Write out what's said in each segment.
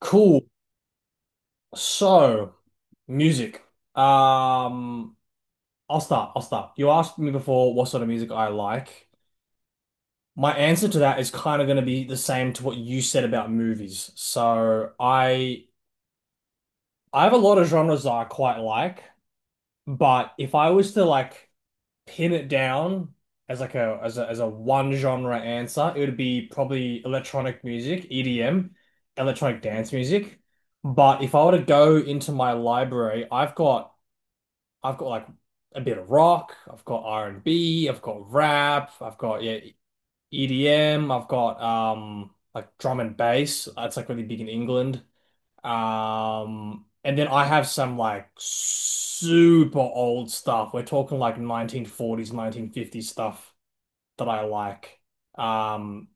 Cool. So, music. Um, I'll start. You asked me before what sort of music I like. My answer to that is kind of going to be the same to what you said about movies. So, I have a lot of genres that I quite like, but if I was to like pin it down as like a as a as a one genre answer, it would be probably electronic music, EDM, electronic dance music. But if I were to go into my library, I've got like a bit of rock, I've got r and B. have got rap, I've got, yeah, EDM, I've got like drum and bass. That's like really big in England. And then I have some like super old stuff. We're talking like 1940s, 1950s stuff that I like. Um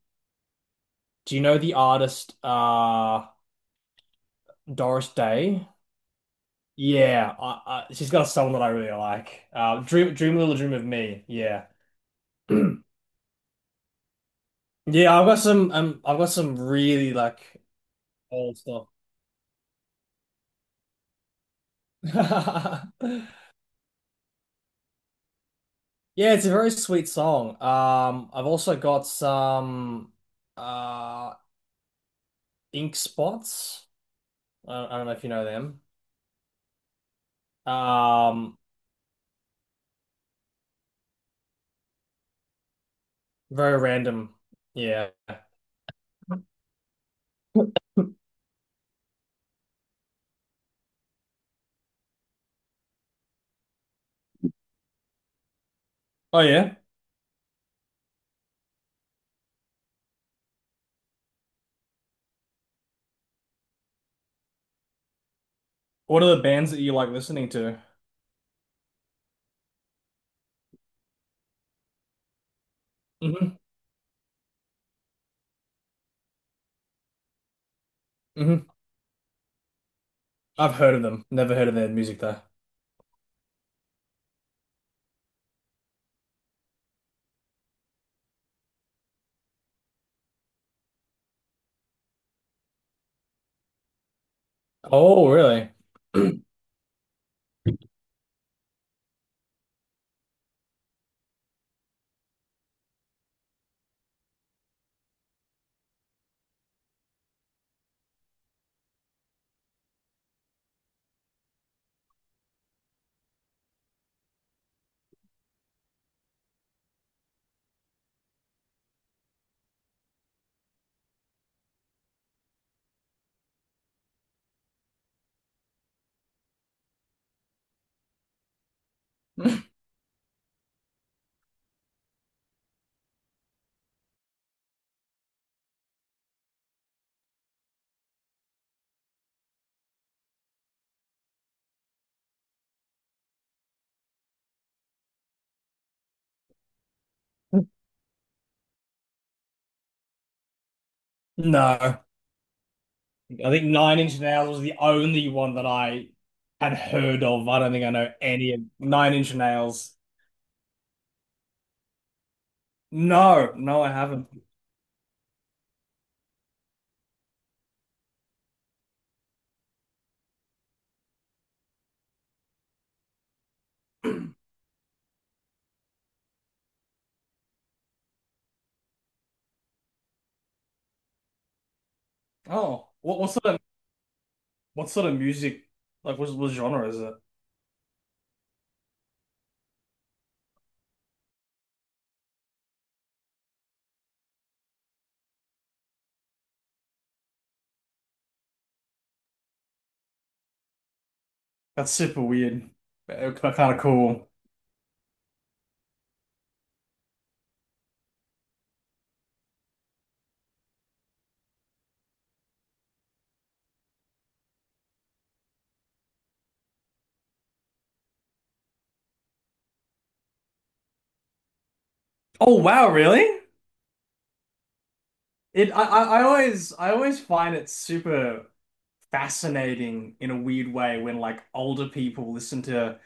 do you know the artist Doris Day? Yeah, she's got a song that I really like. Dream a Little Dream of Me. Yeah. Yeah, I've got some really like old stuff. Yeah, it's a very sweet song. I've also got some uh Ink Spots. I don't know if you know them. Um Very random. Yeah. Oh yeah. What are the bands that you like listening to? Hmm. Hmm. I've heard of them. Never heard of their music though. Oh, really? No. I think Nine Inch Nails was the only one that I had heard of. I don't think I know any of Nine Inch Nails. No, no, I haven't. Oh, what sort of music like what genre is it? That's super weird, but kind of cool. Oh wow, really? It I always find it super fascinating in a weird way when like older people listen to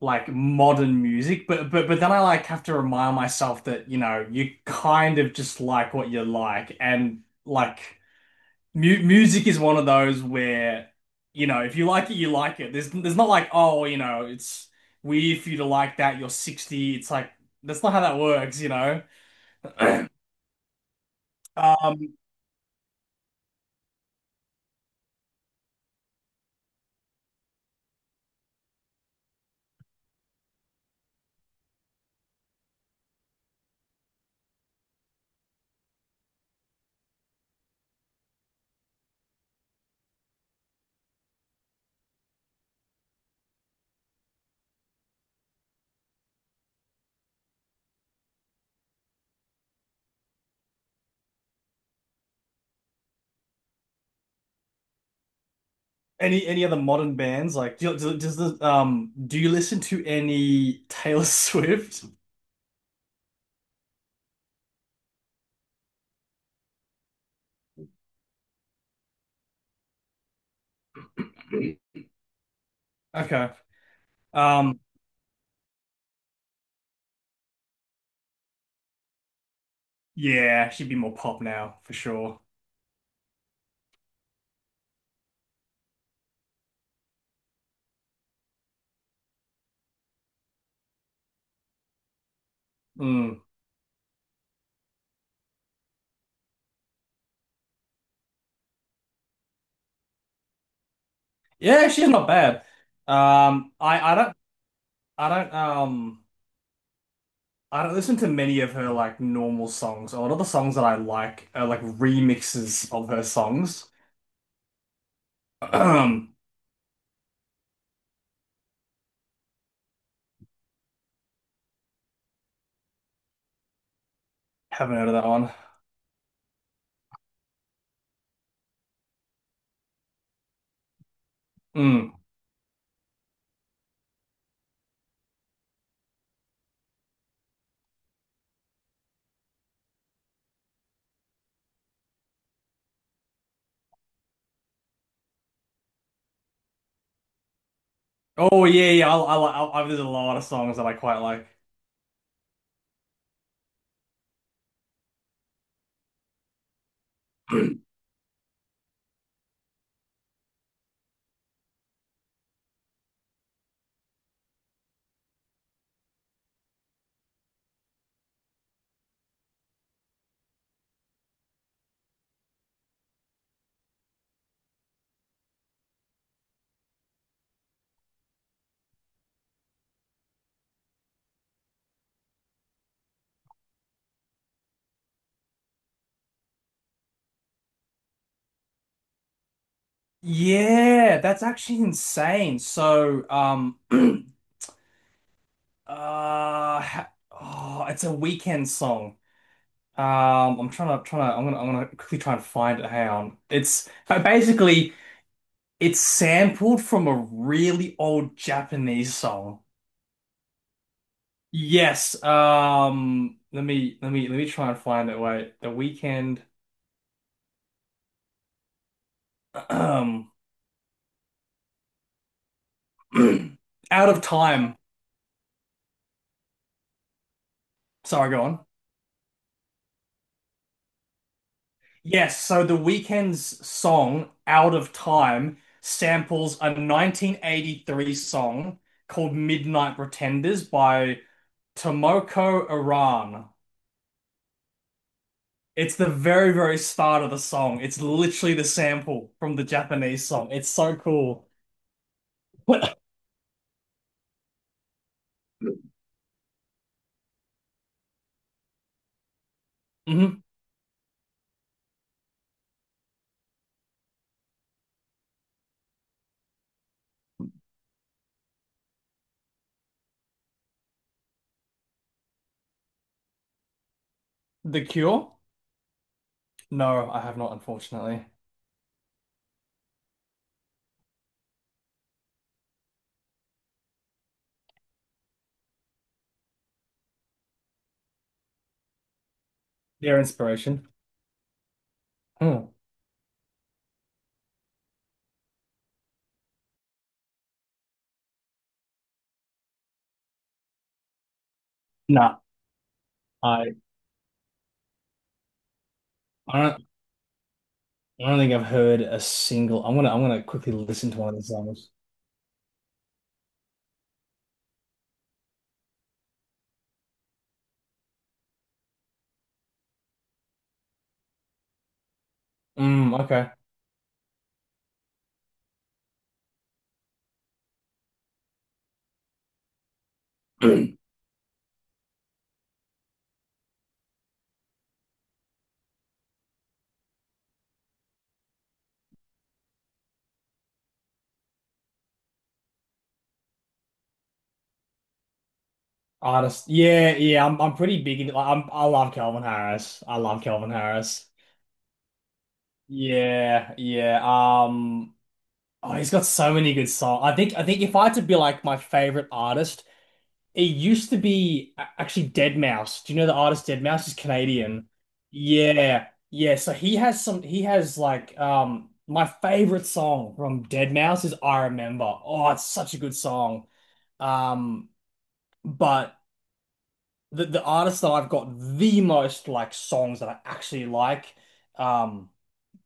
like modern music, but then I like have to remind myself that, you kind of just like what you like and like mu music is one of those where, if you like it, you like it. There's not like, oh, it's weird for you to like that, you're 60. It's like that's not how that works. Um any other modern bands like do, you- do does the do you listen to any Taylor Swift? Okay. Um yeah, she'd be more pop now for sure. Mm. Yeah, she's not bad. Um, I I don't I don't um I don't listen to many of her like normal songs. A lot of the songs that I like are like remixes of her songs. Haven't heard of that one. Mm. Oh yeah, yeah. I like I, There's a lot of songs that I quite like. Yeah, that's actually insane. So oh, it's a Weekend song. I'm trying to I'm gonna quickly try and find it. Hang on. It's But basically it's sampled from a really old Japanese song. Yes. Let me try and find it. Wait. The Weekend. Um. Out of Time. Sorry. Go on. Yes. So the Weekend's song Out of Time samples a 1983 song called Midnight Pretenders by Tomoko Aran. It's the very, very start of the song. It's literally the sample from the Japanese song. It's so cool. What? Hmm. The Cure? No, I have not, unfortunately. Their inspiration? Hmm. Nah, I, I don't, I don't think I've heard a single. I'm gonna quickly listen to one of the songs. Mm, okay. Artist. Yeah, yeah. I'm pretty big into. Like, I love Calvin Harris. I love Calvin Harris. Yeah, yeah. Oh, he's got so many good songs. I think if I had to be like my favorite artist, it used to be actually deadmau5. Do you know the artist deadmau5 is Canadian? Yeah. Yeah, so he has some he has like my favorite song from deadmau5 is I Remember. Oh, it's such a good song. Um but the artist that I've got the most like songs that I actually like um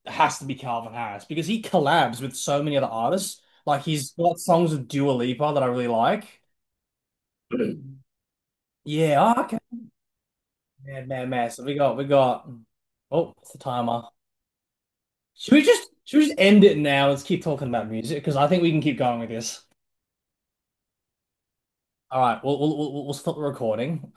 has to be Calvin Harris because he collabs with so many other artists. Like he's got songs with Dua Lipa that I really like. Yeah, oh, okay. Man, man, man. So we got oh, it's the timer. Should we just end it now? Let's keep talking about music because I think we can keep going with this. All right, we'll stop the recording.